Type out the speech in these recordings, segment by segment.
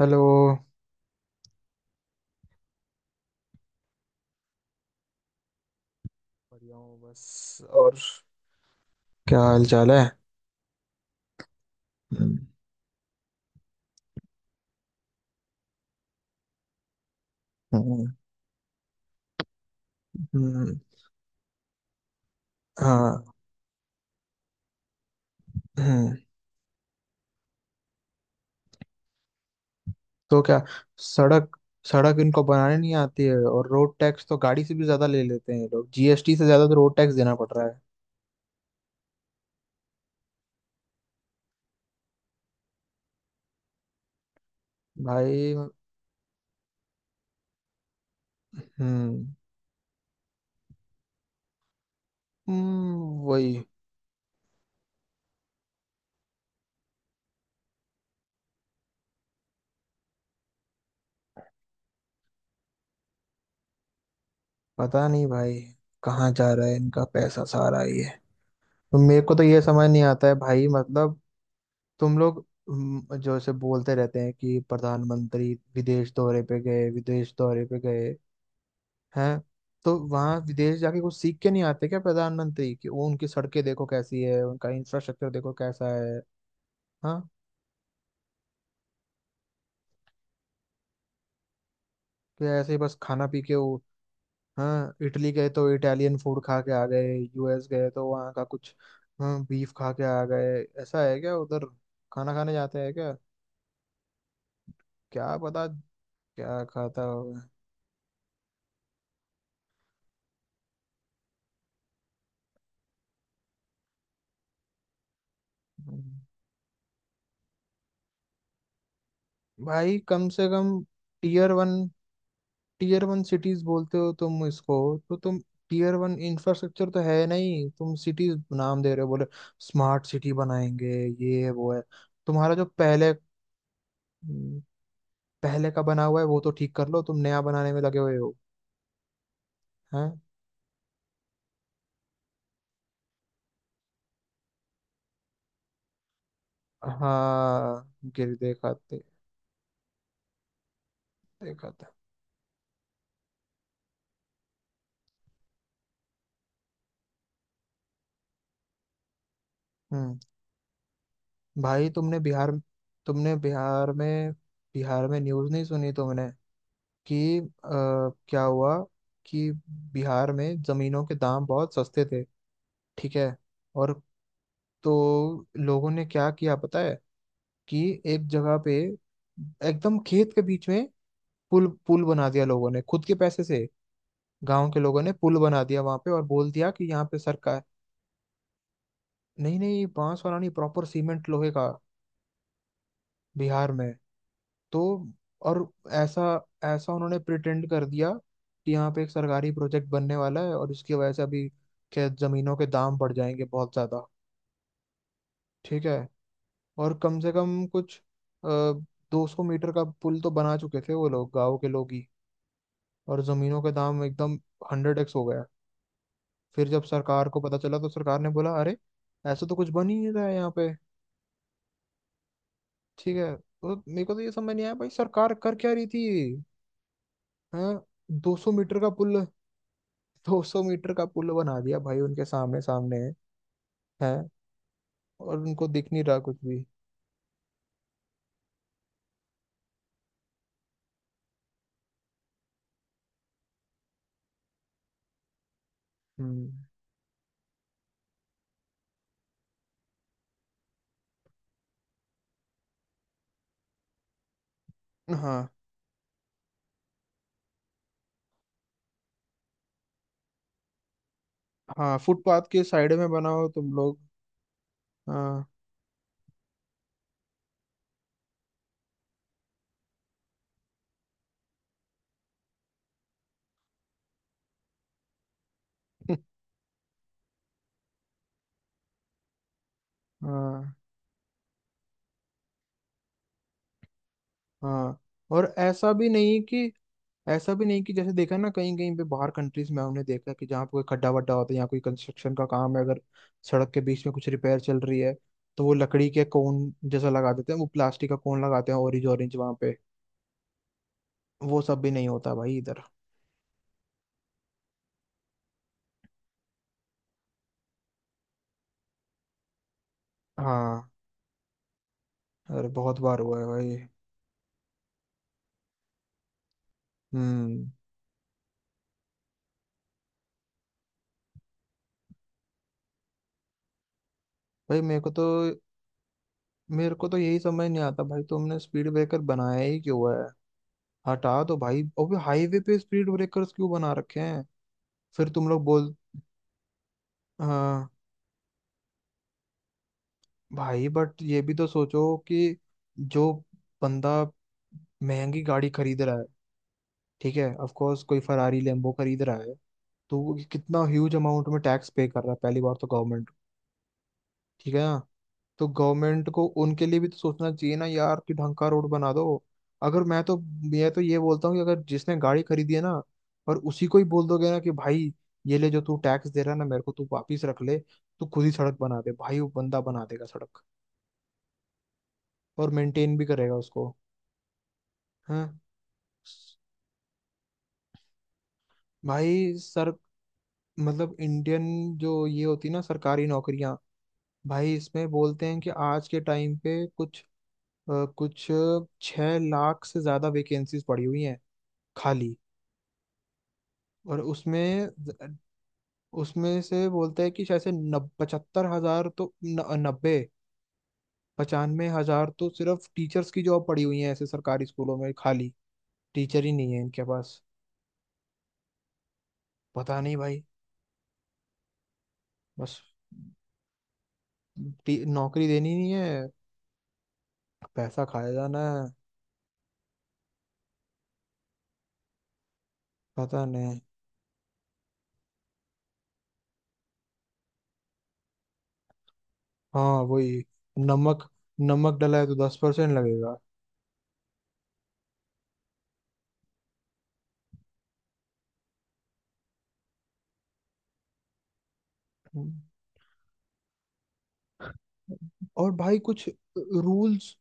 Hello. बढ़िया हूँ बस। और क्या हाल चाल है? हम्म। हम्म, ठीक। हाँ है। हम्म। तो क्या। सड़क सड़क इनको बनाने नहीं आती है, और रोड टैक्स तो गाड़ी से भी ज्यादा ले लेते हैं ये लोग। जीएसटी से ज्यादा तो रोड टैक्स देना पड़ रहा है। भाई। हम्म। वही। पता नहीं भाई, कहाँ जा रहा है इनका पैसा सारा ये? तो मेरे को तो ये समझ नहीं आता है भाई, मतलब तुम लोग। जो से बोलते रहते हैं कि प्रधानमंत्री विदेश दौरे पे गए, विदेश दौरे पे गए हैं। तो वहाँ विदेश जाके कुछ सीख के नहीं आते क्या प्रधानमंत्री, कि वो उनकी सड़कें देखो कैसी है, उनका इंफ्रास्ट्रक्चर देखो कैसा है। हाँ। तो ऐसे ही बस खाना पी के वो। हाँ इटली गए तो इटालियन फूड खा के आ गए, यूएस गए तो वहाँ का कुछ। हाँ बीफ खा के आ गए। ऐसा है क्या उधर, खाना खाने जाते हैं क्या? क्या पता क्या खाता होगा। हम्म। भाई कम से कम tier one, tier one cities बोलते हो तुम इसको? तो तुम टीयर वन इंफ्रास्ट्रक्चर तो है नहीं, तुम सिटीज नाम दे रहे हो। बोले स्मार्ट सिटी बनाएंगे, ये है वो है। तुम्हारा जो पहले पहले का बना हुआ है वो तो ठीक कर लो, तुम नया बनाने में लगे हुए हो। हैं। हाँ। गिर देखा थे। देखा था। हम्म। भाई तुमने बिहार में न्यूज़ नहीं सुनी तुमने कि क्या हुआ, कि बिहार में जमीनों के दाम बहुत सस्ते थे, ठीक है? और तो लोगों ने क्या किया पता है, कि एक जगह पे एकदम खेत के बीच में पुल पुल बना दिया लोगों ने खुद के पैसे से। गांव के लोगों ने पुल बना दिया वहां पे, और बोल दिया कि यहाँ पे सरकार। नहीं नहीं, बांस वाला नहीं, प्रॉपर सीमेंट लोहे का। बिहार में। तो और ऐसा ऐसा उन्होंने प्रिटेंड कर दिया कि यहाँ पे एक सरकारी प्रोजेक्ट बनने वाला है, और इसकी वजह से अभी खेत जमीनों के दाम बढ़ जाएंगे बहुत ज्यादा, ठीक है? और कम से कम कुछ 200 मीटर का पुल तो बना चुके थे वो लोग, गांव के लोग ही। और जमीनों के दाम एकदम 100x हो गया। फिर जब सरकार को पता चला तो सरकार ने बोला अरे, ऐसा तो कुछ बन ही नहीं रहा है यहाँ पे। ठीक है, तो मेरे को तो ये समझ नहीं आया भाई, सरकार कर क्या रही थी। हाँ। 200 मीटर का पुल। 200 मीटर का पुल बना दिया भाई उनके सामने सामने है, और उनको दिख नहीं रहा कुछ भी। हम्म। हाँ। हाँ, फुटपाथ के साइड में बनाओ तुम लोग। हाँ। हाँ। हाँ, और ऐसा भी नहीं कि जैसे देखा ना, कहीं कहीं पे बाहर कंट्रीज में हमने देखा कि जहाँ पे कोई खड्डा वड्डा होता है या कोई कंस्ट्रक्शन का काम है, अगर सड़क के बीच में कुछ रिपेयर चल रही है, तो वो लकड़ी के कोन जैसा लगा देते हैं, वो प्लास्टिक का कोन लगाते हैं, ऑरेंज ऑरेंज वहां पे। वो सब भी नहीं होता भाई इधर। हाँ। अरे बहुत बार हुआ है भाई। हम्म। भाई मेरे को तो यही समझ नहीं आता भाई, तुमने स्पीड ब्रेकर बनाया ही क्यों है? हटा दो भाई, अबे हाईवे पे स्पीड ब्रेकर्स क्यों बना रखे हैं? फिर तुम लोग बोल। हाँ। भाई बट ये भी तो सोचो कि जो बंदा महंगी गाड़ी खरीद रहा है, ठीक है, ऑफ कोर्स कोई फरारी लेम्बो खरीद रहा है, तो वो कितना ह्यूज अमाउंट में टैक्स पे कर रहा है पहली बार, तो गवर्नमेंट, ठीक है ना। तो गवर्नमेंट को उनके लिए भी तो सोचना चाहिए ना यार, कि ढंग का रोड बना दो। अगर मैं तो मैं तो ये बोलता हूँ कि अगर जिसने गाड़ी खरीदी है ना, और उसी को ही बोल दोगे ना कि भाई, ये ले जो तू टैक्स दे रहा है ना मेरे को, तू वापिस रख ले, तू खुद ही सड़क बना दे भाई, वो बंदा बना देगा सड़क, और मेंटेन भी करेगा उसको। हाँ। भाई सर, मतलब इंडियन जो ये होती है ना सरकारी नौकरियां, भाई इसमें बोलते हैं कि आज के टाइम पे कुछ कुछ 6 लाख से ज्यादा वैकेंसीज पड़ी हुई हैं खाली। और उसमें उसमें से बोलते हैं कि शायद से नब 75 हजार तो न, 90, 95 हजार तो सिर्फ टीचर्स की जॉब पड़ी हुई है ऐसे सरकारी स्कूलों में खाली। टीचर ही नहीं है इनके पास। पता नहीं भाई, बस नौकरी देनी नहीं है, पैसा खाया जाना है। पता नहीं। हाँ वही। नमक। नमक डला है तो 10% लगेगा। और भाई रूल्स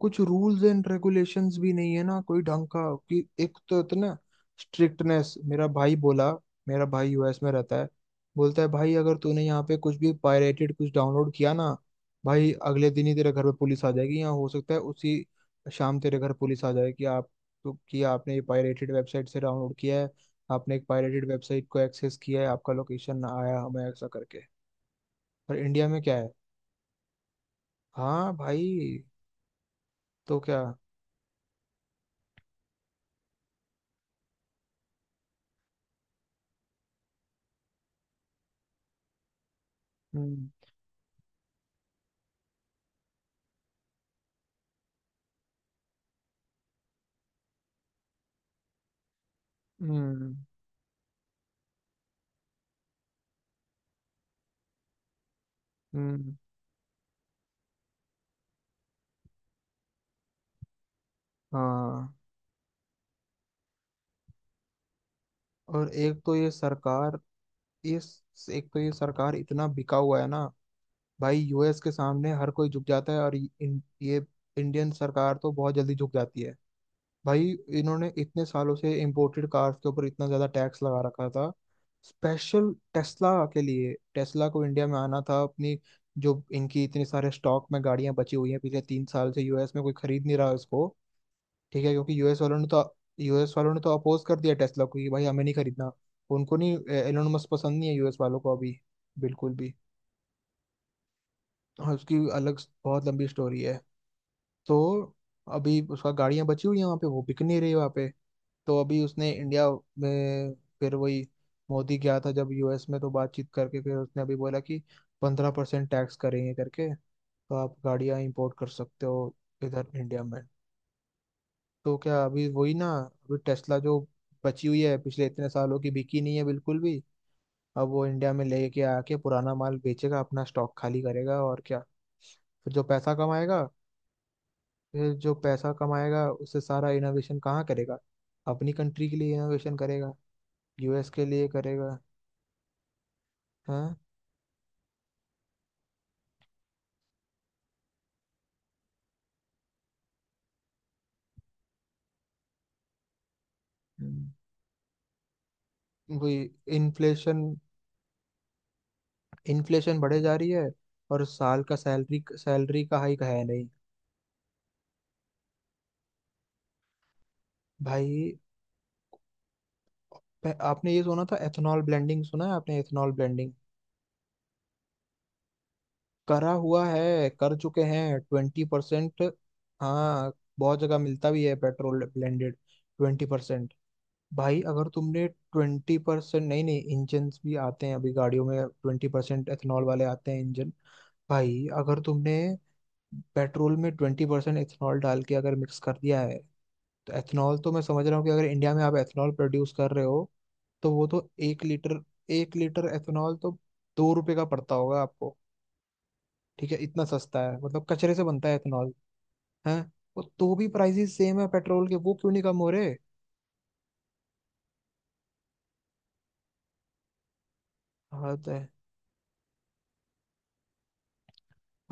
कुछ रूल्स एंड रेगुलेशंस भी नहीं है ना कोई ढंग का, कि एक तो इतना स्ट्रिक्टनेस। मेरा भाई यूएस में रहता है। बोलता है भाई, अगर तूने यहाँ पे कुछ भी पायरेटेड कुछ डाउनलोड किया ना भाई, अगले दिन ही तेरे घर पे पुलिस आ जाएगी। यहाँ हो सकता है उसी शाम तेरे घर पुलिस आ जाए कि आप। तो कि आपने ये पायरेटेड वेबसाइट से डाउनलोड किया है, आपने एक पायरेटेड वेबसाइट को एक्सेस किया है, आपका लोकेशन ना आया हमें ऐसा करके। पर इंडिया में क्या है। हाँ भाई। तो क्या। हम्म। हम्म। हम्म। हाँ। और एक तो ये सरकार इतना बिका हुआ है ना भाई, यूएस के सामने हर कोई झुक जाता है। और ये ये इंडियन सरकार तो बहुत जल्दी झुक जाती है भाई। इन्होंने इतने सालों से इम्पोर्टेड कार्स के ऊपर इतना ज्यादा टैक्स लगा रखा था, स्पेशल टेस्ला के लिए। टेस्ला को इंडिया में आना था अपनी। जो इनकी इतने सारे स्टॉक में गाड़ियां बची हुई हैं पिछले 3 साल से, यूएस में कोई खरीद नहीं रहा इसको, ठीक है? क्योंकि यूएस वालों ने तो अपोज कर दिया टेस्ला को कि भाई हमें नहीं खरीदना, उनको नहीं, एलोन मस्क पसंद नहीं है यूएस वालों को अभी, बिल्कुल भी। और उसकी अलग बहुत लंबी स्टोरी है। तो अभी उसका गाड़ियां बची हुई हैं वहाँ पे, वो बिक नहीं रही वहाँ पे। तो अभी उसने इंडिया में, फिर वही मोदी गया था जब यूएस में, तो बातचीत करके फिर उसने अभी बोला कि 15% टैक्स करेंगे करके, तो आप गाड़ियां इंपोर्ट कर सकते हो इधर इंडिया में। तो क्या, अभी वही ना, अभी टेस्ला जो बची हुई है पिछले इतने सालों की, बिकी नहीं है बिल्कुल भी। अब वो इंडिया में लेके आके पुराना माल बेचेगा, अपना स्टॉक खाली करेगा और क्या। फिर जो पैसा कमाएगा फिर जो पैसा कमाएगा उससे सारा इनोवेशन कहाँ करेगा, अपनी कंट्री के लिए इनोवेशन करेगा? यूएस के लिए करेगा। हाँ। हम्म, वही। इन्फ्लेशन इन्फ्लेशन बढ़े जा रही है, और साल का सैलरी सैलरी का हाइक है नहीं। भाई आपने ये सुना था एथेनॉल ब्लेंडिंग? सुना है आपने एथेनॉल ब्लेंडिंग? करा हुआ है, कर चुके हैं 20%। हाँ बहुत जगह मिलता भी है पेट्रोल ब्लेंडेड 20%। भाई अगर तुमने 20%, नहीं नहीं, इंजन भी आते हैं अभी गाड़ियों में 20% एथेनॉल वाले आते हैं इंजन। भाई अगर तुमने पेट्रोल में 20% एथेनॉल डाल के अगर मिक्स कर दिया है, तो एथेनॉल तो मैं समझ रहा हूँ कि अगर इंडिया में आप एथेनॉल प्रोड्यूस कर रहे हो, तो वो तो एक लीटर एथेनॉल तो 2 रुपए का पड़ता होगा आपको। ठीक है इतना सस्ता है, मतलब कचरे से बनता है इथेनॉल है, और तो भी प्राइसेस सेम है पेट्रोल के। वो क्यों नहीं कम हो रहे? हाँ तो है।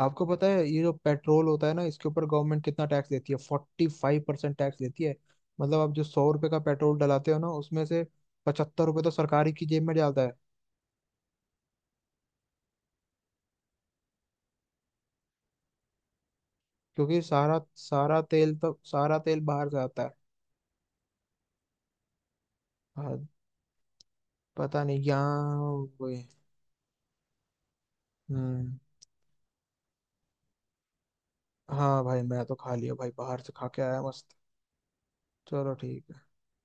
आपको पता है ये जो पेट्रोल होता है ना, इसके ऊपर गवर्नमेंट कितना टैक्स देती है? 45% टैक्स देती है। मतलब आप जो 100 रुपए का पेट्रोल डलाते हो ना, उसमें से 75 रुपए तो सरकारी की जेब में जाता है। क्योंकि सारा सारा तेल तो सारा तेल बाहर से आता है। हाँ, पता नहीं यहाँ। वो- हम्म। हाँ भाई मैं तो खा लिया भाई, बाहर से खा के आया मस्त। चलो ठीक है।